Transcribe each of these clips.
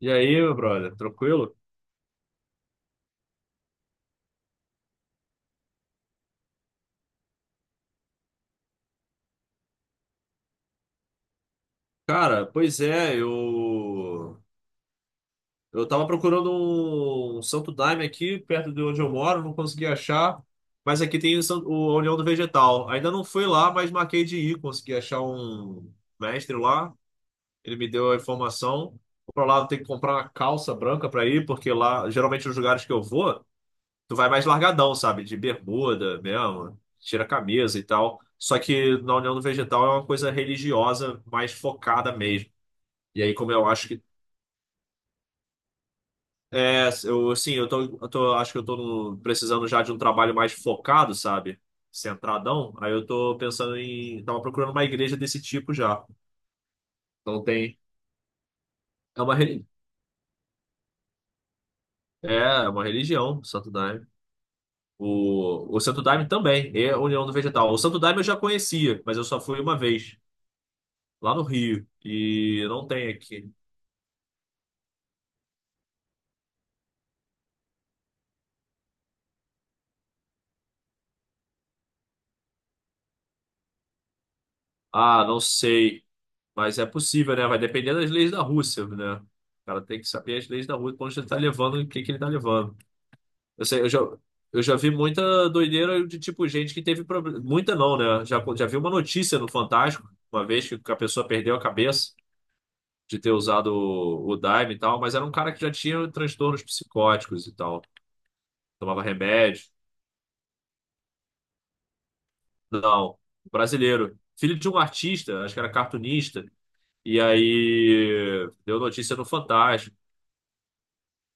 E aí, meu brother, tranquilo? Cara, pois é, eu tava procurando um Santo Daime aqui perto de onde eu moro, não consegui achar, mas aqui tem a União do Vegetal. Ainda não fui lá, mas marquei de ir, consegui achar um mestre lá, ele me deu a informação. Vou pra lá, eu tenho que comprar uma calça branca pra ir, porque lá, geralmente os lugares que eu vou, tu vai mais largadão, sabe? De bermuda mesmo, tira a camisa e tal. Só que na União do Vegetal é uma coisa religiosa, mais focada mesmo. E aí, como eu acho que. É, eu, sim, eu tô, acho que eu tô precisando já de um trabalho mais focado, sabe? Centradão. Aí eu tô pensando em. Tava procurando uma igreja desse tipo já. Então tem. É uma, reli- é, é uma religião, o Santo Daime. O Santo Daime também é a União do Vegetal. O Santo Daime eu já conhecia, mas eu só fui uma vez lá no Rio e não tem aqui. Ah, não sei, mas é possível, né? Vai depender das leis da Rússia, né? O cara tem que saber as leis da Rússia, pra onde ele tá levando o que que ele tá levando. Eu sei, eu já vi muita doideira de tipo gente que teve problema. Muita não, né? Já vi uma notícia no Fantástico, uma vez que a pessoa perdeu a cabeça de ter usado o Daime e tal, mas era um cara que já tinha transtornos psicóticos e tal. Tomava remédio. Não, brasileiro. Filho de um artista, acho que era cartunista. E aí deu notícia no Fantástico.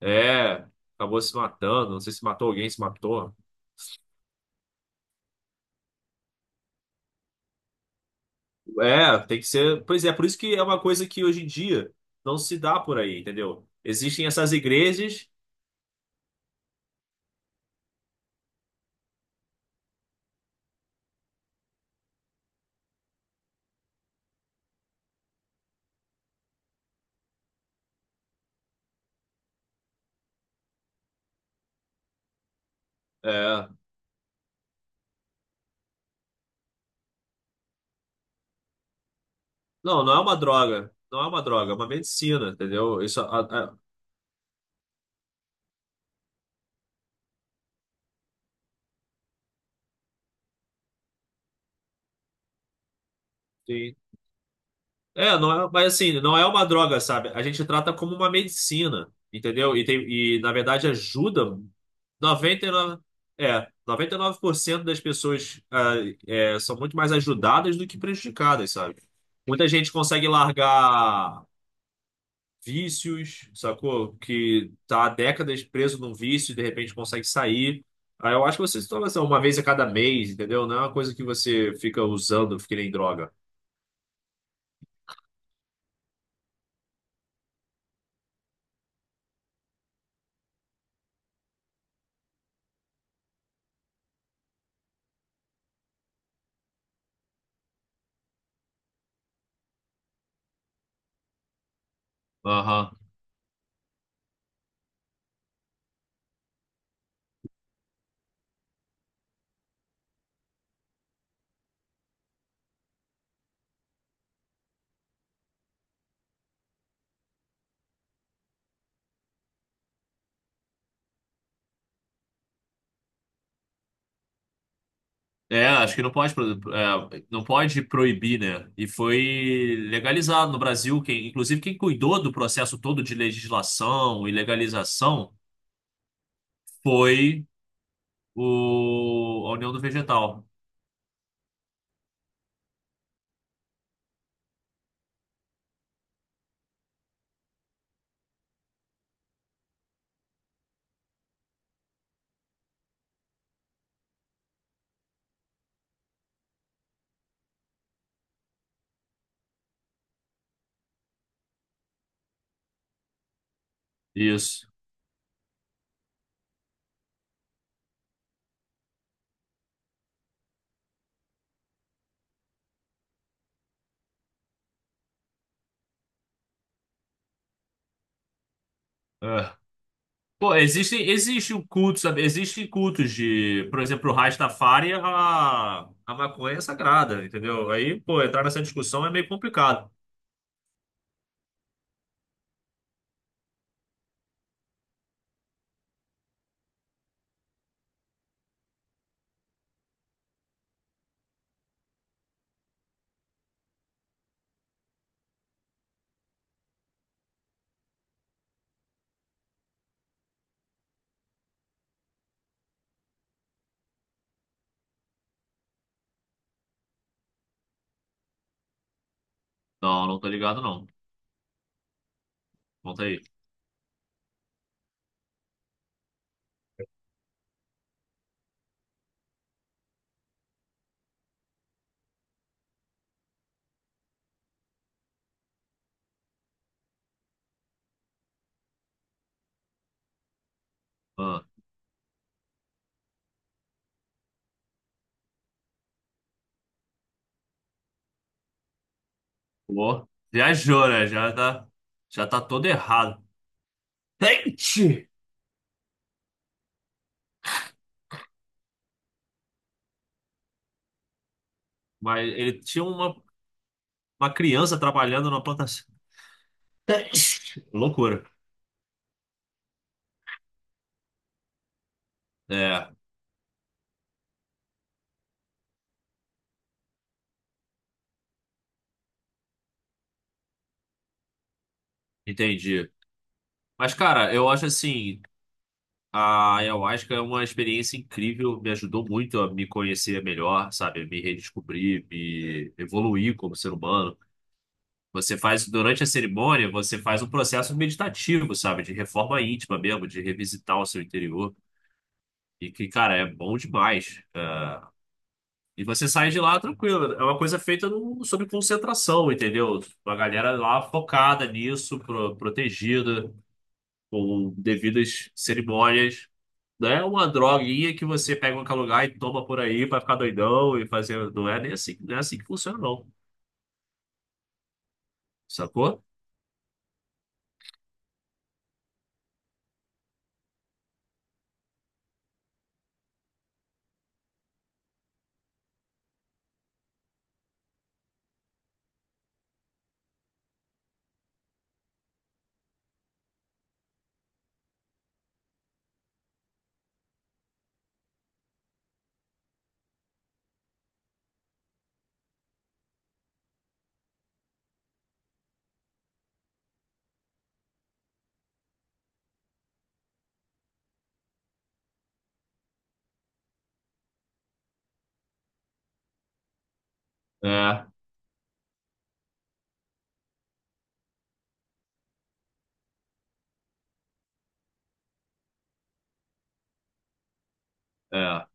É, acabou se matando. Não sei se matou alguém, se matou. É, tem que ser. Pois é, por isso que é uma coisa que hoje em dia não se dá por aí, entendeu? Existem essas igrejas. É, não, não é uma droga. Não é uma droga, é uma medicina, entendeu? Isso, a- tem- é, não é, mas assim, não é uma droga, sabe? A gente trata como uma medicina, entendeu? E, tem, e na verdade ajuda 99, 99% das pessoas, são muito mais ajudadas do que prejudicadas, sabe? Muita gente consegue largar vícios, sacou? Que tá há décadas preso num vício e de repente consegue sair. Aí eu acho que você se torna assim, uma vez a cada mês, entendeu? Não é uma coisa que você fica usando, que nem droga. Aham. É, acho que não pode, não pode proibir, né? E foi legalizado no Brasil. Quem, inclusive, quem cuidou do processo todo de legislação e legalização foi a União do Vegetal. Isso. É. Pô, existem cultos, sabe? Existem cultos de, por exemplo, o Rastafari, a maconha é sagrada, entendeu? Aí, pô, entrar nessa discussão é meio complicado. Não, não tô ligado, não. Conta aí. Pô, viajou, né? Já tá todo errado. Gente! Mas ele tinha uma criança trabalhando na plantação. Gente! Loucura. É, entendi. Mas, cara, eu acho assim, a ayahuasca é uma experiência incrível, me ajudou muito a me conhecer melhor, sabe? Me redescobrir, me evoluir como ser humano. Você faz, durante a cerimônia, você faz um processo meditativo, sabe? De reforma íntima mesmo, de revisitar o seu interior. E que, cara, é bom demais. E você sai de lá tranquilo. É uma coisa feita no, sob concentração, entendeu? A galera lá focada nisso, protegida, com devidas cerimônias. Não é uma droguinha que você pega em qualquer lugar e toma por aí pra ficar doidão e fazer. Não é nem assim, não é assim que funciona, não. Sacou? É, é.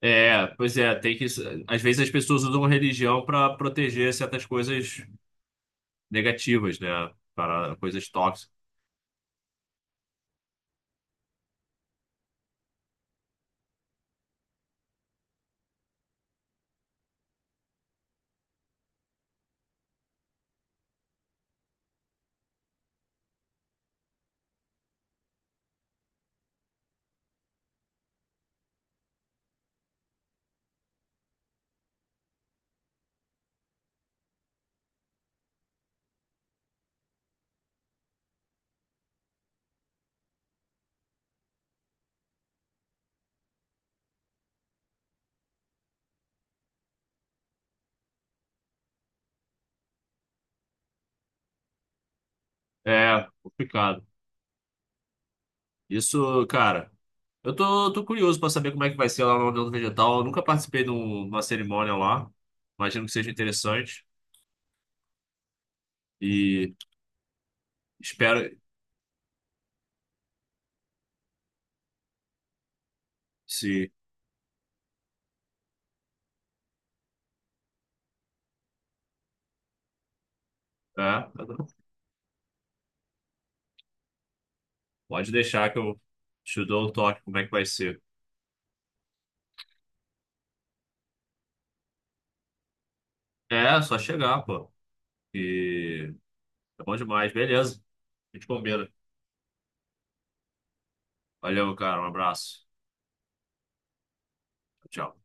É, pois é, tem que. Às vezes as pessoas usam a religião pra proteger certas coisas negativas, né? Para coisas tóxicas. É, complicado. Isso, cara, eu tô curioso pra saber como é que vai ser lá no União do Vegetal. Eu nunca participei de uma cerimônia lá. Imagino que seja interessante. E espero se. É, pode deixar que eu te dou o toque como é que vai ser. É, só chegar, pô. E é bom demais, beleza. A gente combina. Valeu, cara. Um abraço. Tchau.